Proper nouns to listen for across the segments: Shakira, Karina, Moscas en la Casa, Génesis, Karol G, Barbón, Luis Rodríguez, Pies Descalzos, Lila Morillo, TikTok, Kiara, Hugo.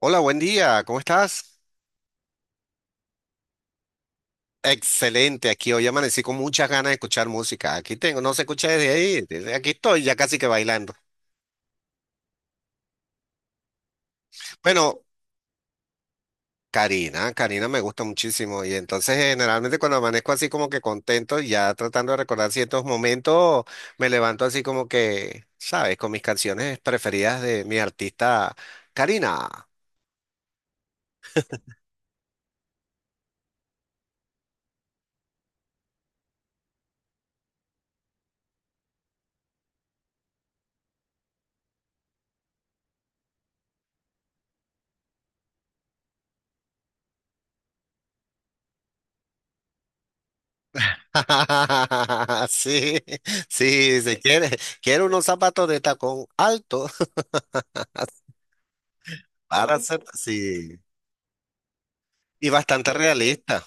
Hola, buen día, ¿cómo estás? Excelente, aquí hoy amanecí con muchas ganas de escuchar música. Aquí tengo, no se escucha desde ahí, desde aquí estoy ya casi que bailando. Bueno, Karina me gusta muchísimo y entonces generalmente cuando amanezco así como que contento, ya tratando de recordar ciertos momentos, me levanto así como que, ¿sabes? Con mis canciones preferidas de mi artista, Karina. Sí, sí, se quiere, quiere unos zapatos de tacón alto para hacer, sí. Y bastante realista.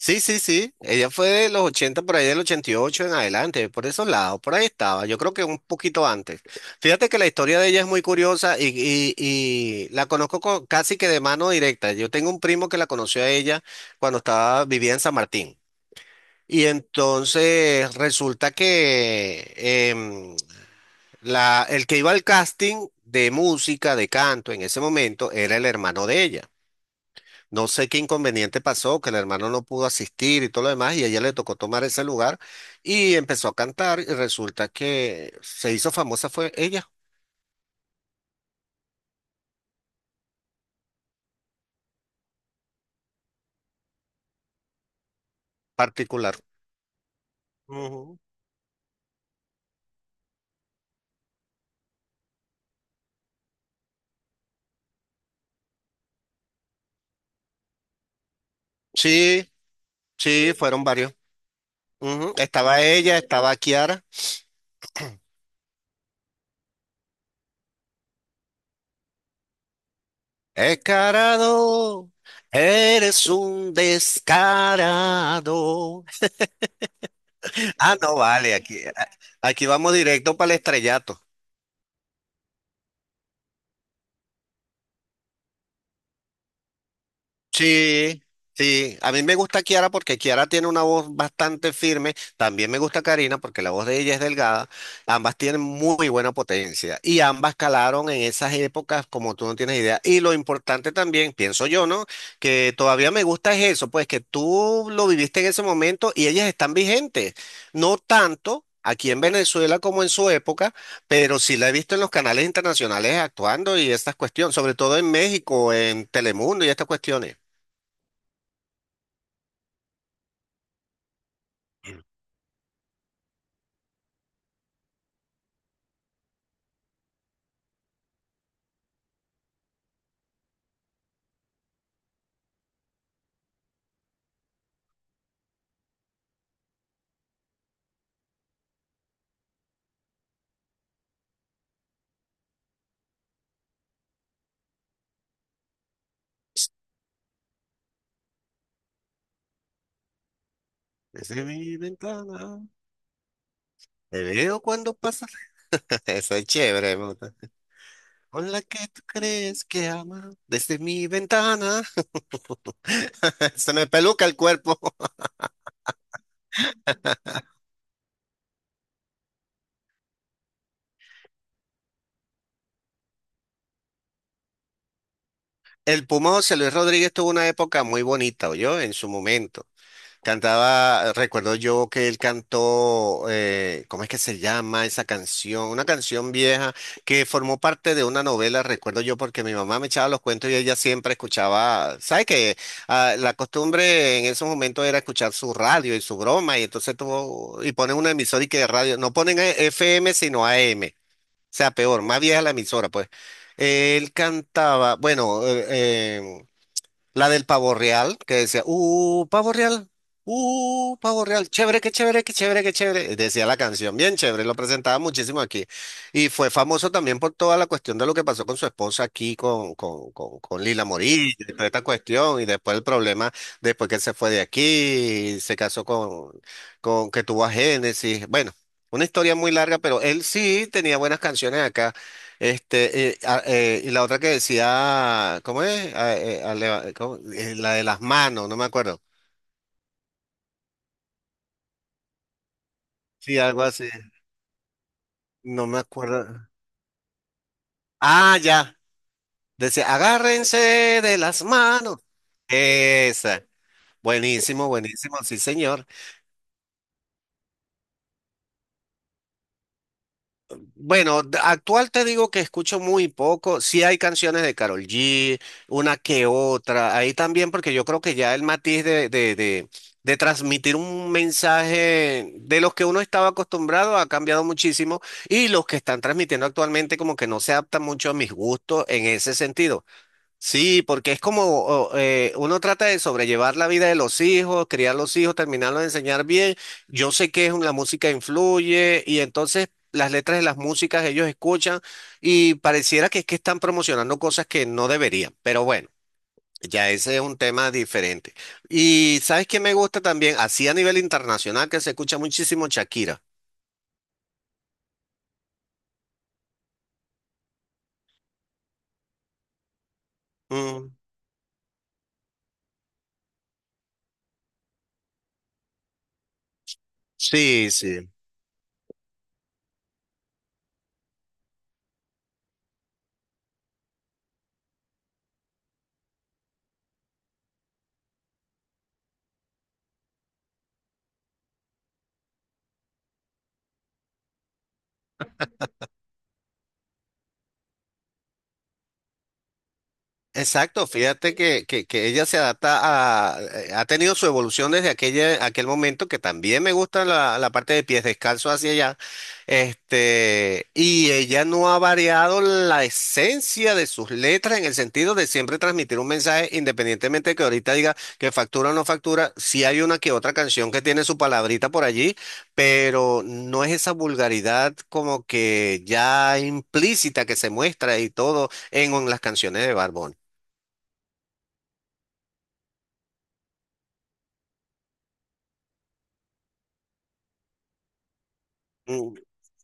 Sí, sí, sí. Ella fue de los 80 por ahí del 88 en adelante, por esos lados, por ahí estaba. Yo creo que un poquito antes. Fíjate que la historia de ella es muy curiosa y la conozco casi que de mano directa. Yo tengo un primo que la conoció a ella cuando estaba, vivía en San Martín. Y entonces resulta que em, la, el que iba al casting de música, de canto en ese momento, era el hermano de ella. No sé qué inconveniente pasó, que el hermano no pudo asistir y todo lo demás, y a ella le tocó tomar ese lugar y empezó a cantar y resulta que se hizo famosa fue ella, particular. Ujú. Sí, sí, fueron varios. Ujú, estaba ella, estaba Kiara. Descarado, eres un descarado. Ah, no, vale, aquí vamos directo para el estrellato. Sí, sí. A mí me gusta Kiara porque Kiara tiene una voz bastante firme. También me gusta Karina porque la voz de ella es delgada. Ambas tienen muy buena potencia y ambas calaron en esas épocas como tú no tienes idea. Y lo importante también, pienso yo, ¿no? Que todavía me gusta es eso, pues que tú lo viviste en ese momento y ellas están vigentes. No tanto. Aquí en Venezuela como en su época, pero sí la he visto en los canales internacionales actuando y estas cuestiones, sobre todo en México, en Telemundo y estas cuestiones. Desde mi ventana te veo cuando pasas. Eso es chévere, me gusta. Con la que tú crees que ama. Desde mi ventana. Se me peluca el cuerpo. El Pumoso, Luis Rodríguez tuvo una época muy bonita, yo en su momento. Cantaba, recuerdo yo que él cantó, ¿cómo es que se llama esa canción? Una canción vieja que formó parte de una novela, recuerdo yo, porque mi mamá me echaba los cuentos y ella siempre escuchaba, ¿sabes qué? Ah, la costumbre en esos momentos era escuchar su radio y su broma, y entonces tuvo, y ponen una emisora y que de radio, no ponen FM sino AM, o sea, peor, más vieja la emisora, pues. Él cantaba, bueno, la del pavo real, que decía, pavo real, chévere, qué chévere, qué chévere, qué chévere. Decía la canción, bien chévere, lo presentaba muchísimo aquí. Y fue famoso también por toda la cuestión de lo que pasó con su esposa aquí, con Lila Morillo, y toda esta cuestión, y después el problema, después que él se fue de aquí, se casó con que tuvo a Génesis. Bueno, una historia muy larga, pero él sí tenía buenas canciones acá. Y la otra que decía, ¿cómo es? ¿Cómo? La de las manos, no me acuerdo. Sí, algo así. No me acuerdo. Ah, ya. Decía, agárrense de las manos. Esa. Buenísimo, buenísimo, sí, señor. Bueno, actual te digo que escucho muy poco. Sí hay canciones de Karol G, una que otra. Ahí también, porque yo creo que ya el matiz de transmitir un mensaje de los que uno estaba acostumbrado ha cambiado muchísimo y los que están transmitiendo actualmente como que no se adaptan mucho a mis gustos en ese sentido. Sí, porque es como uno trata de sobrellevar la vida de los hijos, criar los hijos, terminarlos de enseñar bien. Yo sé que es la música influye y entonces las letras de las músicas ellos escuchan y pareciera que es que están promocionando cosas que no deberían, pero bueno. Ya ese es un tema diferente. Y ¿sabes qué me gusta también? Así a nivel internacional que se escucha muchísimo Shakira. Mm, sí, sí. Exacto, fíjate que ella se adapta a, ha tenido su evolución desde aquella, aquel momento, que también me gusta la, la parte de pies descalzos hacia allá, este, y ella no ha variado la esencia de sus letras en el sentido de siempre transmitir un mensaje, independientemente de que ahorita diga que factura o no factura, sí hay una que otra canción que tiene su palabrita por allí, pero no es esa vulgaridad como que ya implícita que se muestra y todo en las canciones de Barbón. Mm,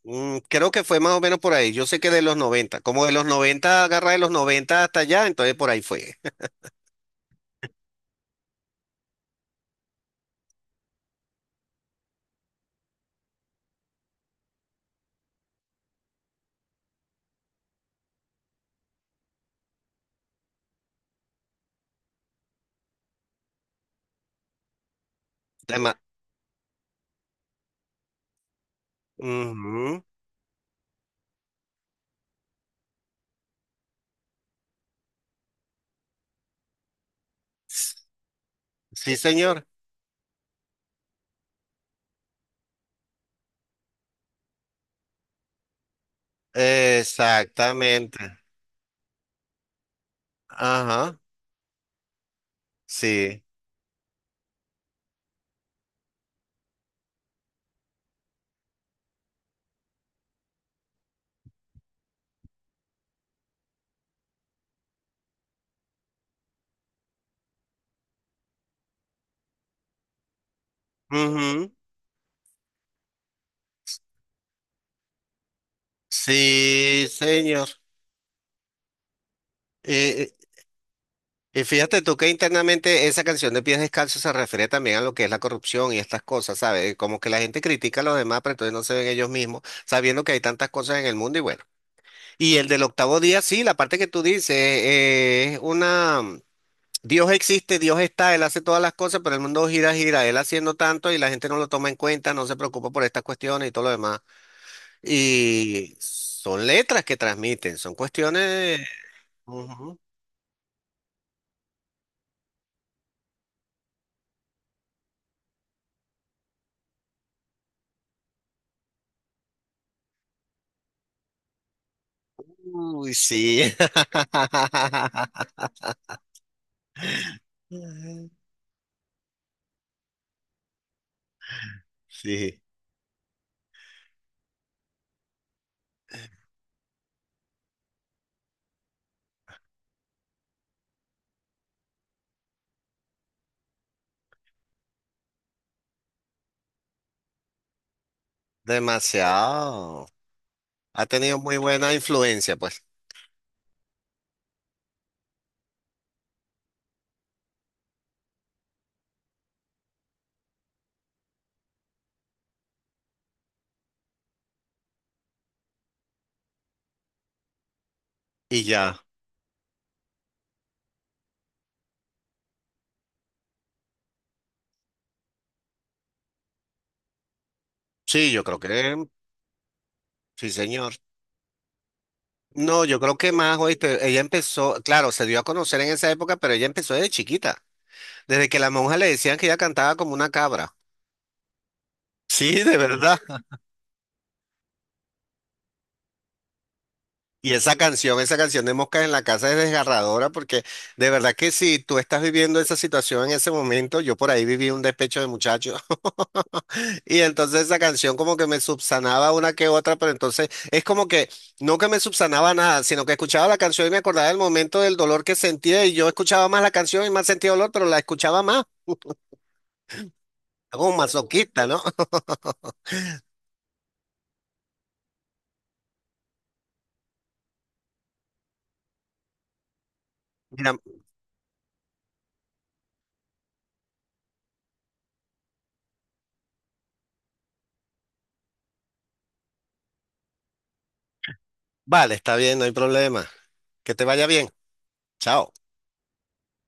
creo que fue más o menos por ahí. Yo sé que de los noventa, como de los 90 agarra de los 90 hasta allá, entonces por ahí fue. Tema- ujú, sí, señor. Exactamente. Ajá, sí. Ujú, sí, señor. Eh, eh, Y, fíjate tú que internamente esa canción de Pies Descalzos se refiere también a lo que es la corrupción y estas cosas, ¿sabes? Como que la gente critica a los demás, pero entonces no se ven ellos mismos, sabiendo que hay tantas cosas en el mundo y bueno. Y el del octavo día, sí, la parte que tú dices, es una... Dios existe, Dios está, Él hace todas las cosas, pero el mundo gira, gira, Él haciendo tanto y la gente no lo toma en cuenta, no se preocupa por estas cuestiones y todo lo demás. Y son letras que transmiten, son cuestiones... Ujú. Uy, sí. Ujú. Sí, demasiado. Ha tenido muy buena influencia, pues. Y ya. Sí, yo creo que sí, señor. No, yo creo que más, oíste, ella empezó, claro, se dio a conocer en esa época, pero ella empezó desde chiquita, desde que las monjas le decían que ella cantaba como una cabra. Sí, de verdad. Y esa canción de Moscas en la Casa es desgarradora porque de verdad que si tú estás viviendo esa situación en ese momento, yo por ahí viví un despecho de muchacho y entonces esa canción como que me subsanaba una que otra, pero entonces es como que no que me subsanaba nada, sino que escuchaba la canción y me acordaba del momento del dolor que sentía y yo escuchaba más la canción y más sentía dolor, pero la escuchaba más. Como un masoquista, ¿no? Mira, vale, está bien, no hay problema. Que te vaya bien. Chao.